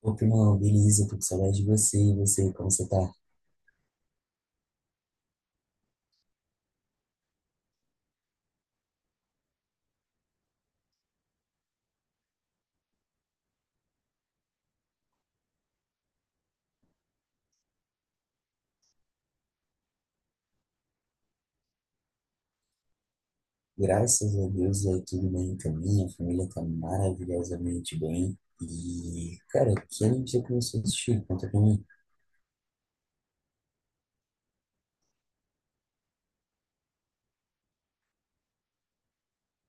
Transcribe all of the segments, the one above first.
Ô, primão, beleza, tô com saudade de você. E você, como você tá? Graças a Deus, aí tudo bem também. A família tá maravilhosamente bem. E, cara, que anime você começou a assistir? Conta pra mim.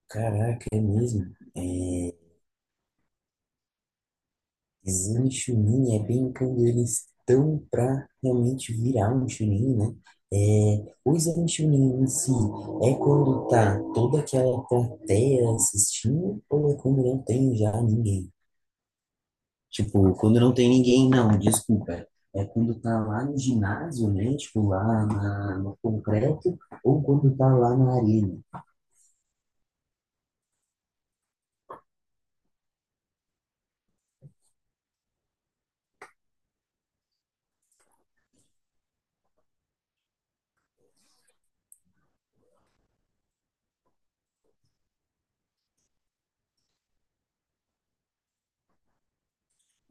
Caraca, é mesmo. É... Exame Chunin é bem quando eles estão pra realmente virar um Chunin, né? É... O Exame Chunin em si é quando tá toda aquela plateia assistindo ou é quando não tem já ninguém? Tipo, quando não tem ninguém, não, desculpa. É quando tá lá no ginásio, né? Tipo, no concreto, ou quando tá lá na arena.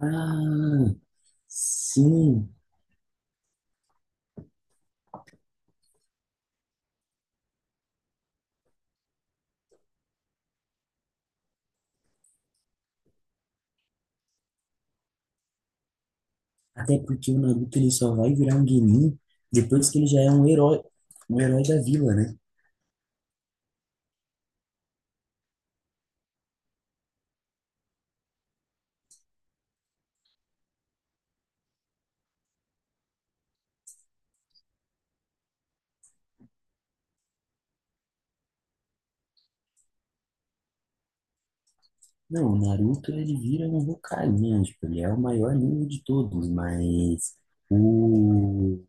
Ah, sim. Até porque o Naruto ele só vai virar um Genin depois que ele já é um herói da vila, né? Não, o Naruto ele vira um Hokage, né? Tipo, ele é o maior ninja de todos, mas o...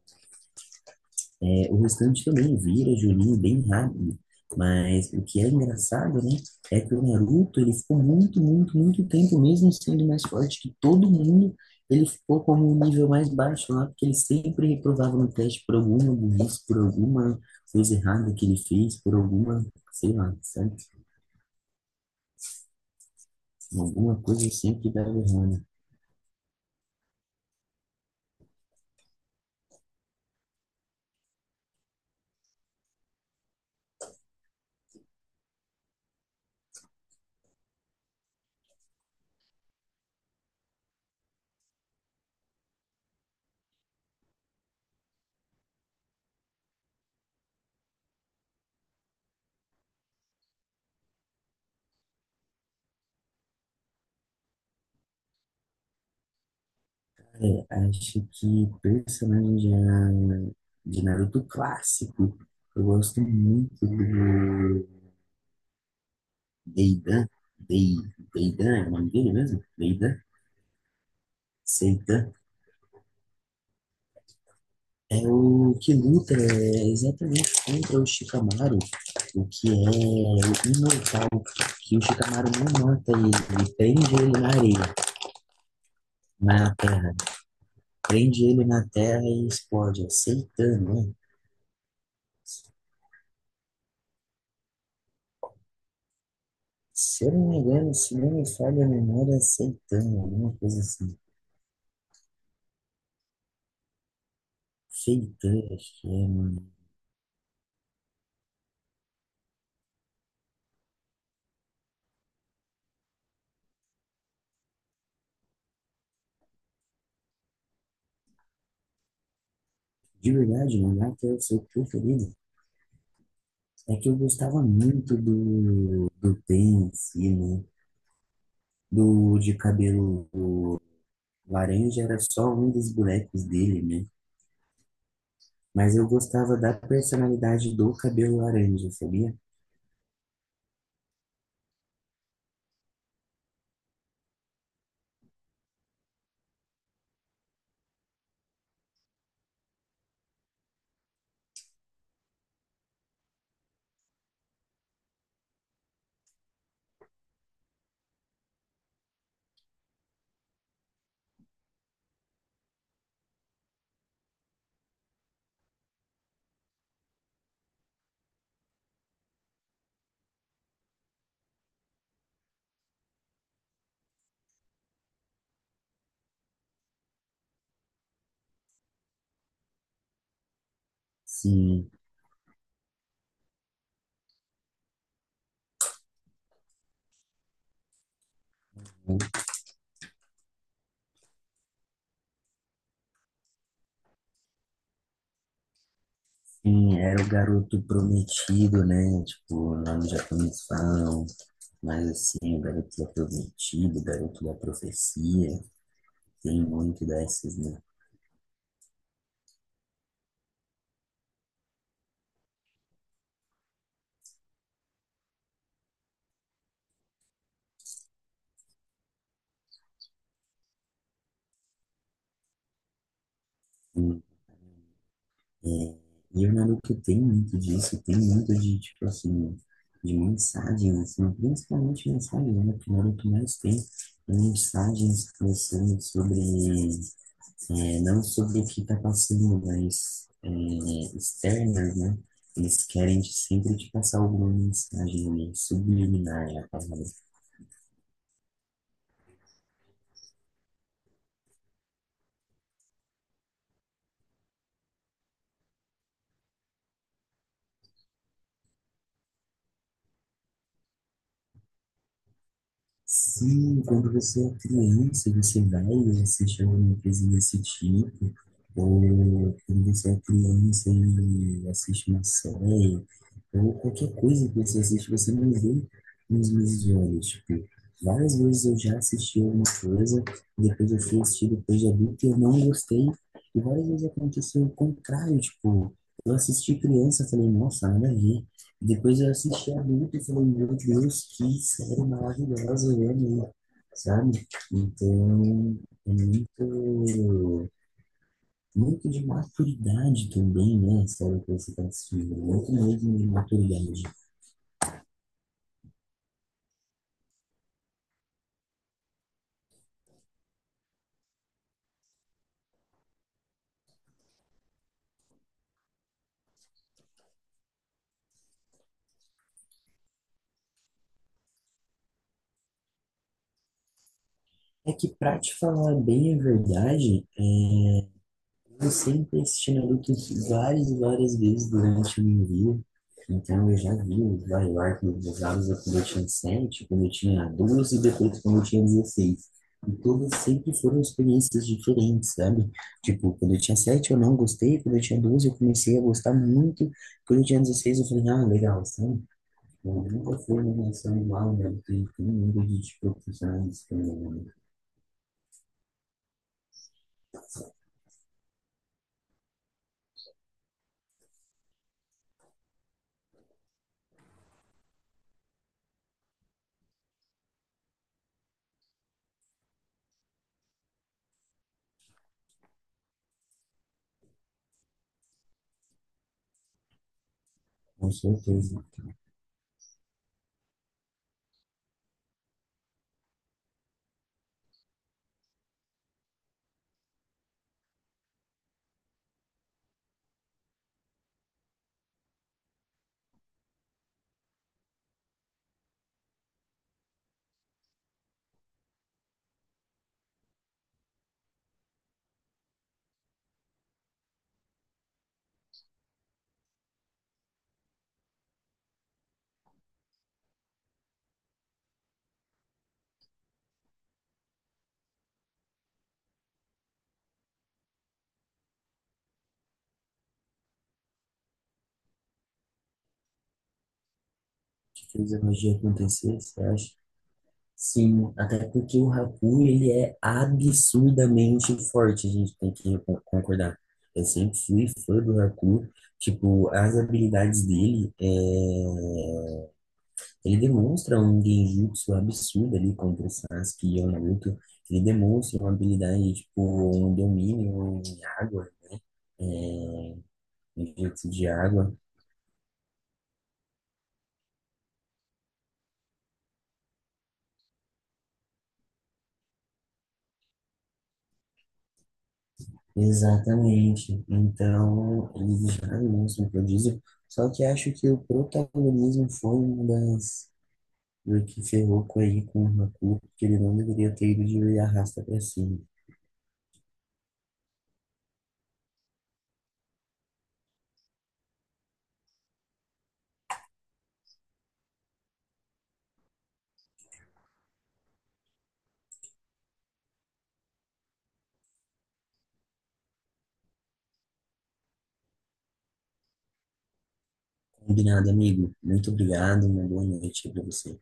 É, o restante também vira Juninho bem rápido. Mas o que é engraçado, né, é que o Naruto, ele ficou muito, muito, muito tempo, mesmo sendo mais forte que todo mundo, ele ficou como um nível mais baixo lá, porque ele sempre reprovava no teste por alguma burrice, por alguma coisa errada que ele fez, por alguma, sei lá, sabe? Alguma coisa sempre dava errado. É, acho que personagem de Naruto clássico, eu gosto muito do Deida, Dei, Deida é o nome dele mesmo? Deida, Seita. É o que luta é, exatamente contra o Shikamaru, o que é o imortal, que o Shikamaru não mata ele, ele prende ele na areia, na terra, prende ele na terra e explode, é Seitan, né? Se eu não me engano, se não me falha a memória, é Seitan, alguma coisa assim. Seitan, acho que é, mano. De verdade, mangá que é o seu preferido. É que eu gostava muito do, do Ben em si, né? Do de cabelo laranja era só um dos bonecos dele, né? Mas eu gostava da personalidade do cabelo laranja, sabia? Sim, né? Sim, era o garoto prometido, né? Tipo, lá no Japão eles falam. Mas assim, o garoto é prometido, o garoto da profecia, tem muito dessas, né? É, e o Naruto tem muito disso, tem muito de, tipo assim, de mensagem, assim, principalmente mensagem, né? Que o Naruto mais tem é mensagens pensando sobre, é, não sobre o que tá passando, mas é, externas, né? Eles querem sempre te passar alguma mensagem ali, subliminar é a palavra. Sim, quando você é criança, você vai e assiste alguma coisa desse tipo, ou quando você é criança e assiste uma série, ou qualquer coisa que você assiste, você não vê nos meus olhos. Tipo, várias vezes eu já assisti alguma coisa, depois eu fui assistir depois de adulto e eu não gostei, e várias vezes aconteceu o contrário, tipo, eu assisti criança, falei, nossa, nada a ver. Depois eu assisti adulto e falei, meu Deus, que série maravilhosa, eu amei, sabe? Então, é muito, muito de maturidade também, né? A série que você está assistindo, muito mesmo de maturidade. É que, pra te falar bem a verdade, eu sempre assisti Naruto várias e várias vezes durante o meu envio. Então eu já vi os Bioarcos usados quando eu tinha 7, quando eu tinha 12 e depois quando eu tinha 16. E todas sempre foram experiências diferentes, sabe? Tipo, quando eu tinha 7 eu não gostei, quando eu tinha 12 eu comecei a gostar muito, quando eu tinha 16 eu falei, ah, legal, sabe? Eu nunca fui uma relação igual, né? Tem um mundo de tipo, profissionais também, né? Com certeza. O que fez a magia acontecer, você acha? Sim, até porque o Haku, ele é absurdamente forte, a gente tem que concordar. Eu sempre fui fã do Haku, tipo, as habilidades dele, é... ele demonstra um genjutsu absurdo ali contra o Sasuke e o Naruto, ele demonstra uma habilidade, tipo, um domínio em água, é... um jutsu de água. Exatamente. Então, eles jogam no prodígio. Só que acho que o protagonismo foi uma das do que ferrou com aí com o Haku, porque ele não deveria ter ido de arrasta pra cima. Combinado, amigo. Muito obrigado, uma boa noite pra você.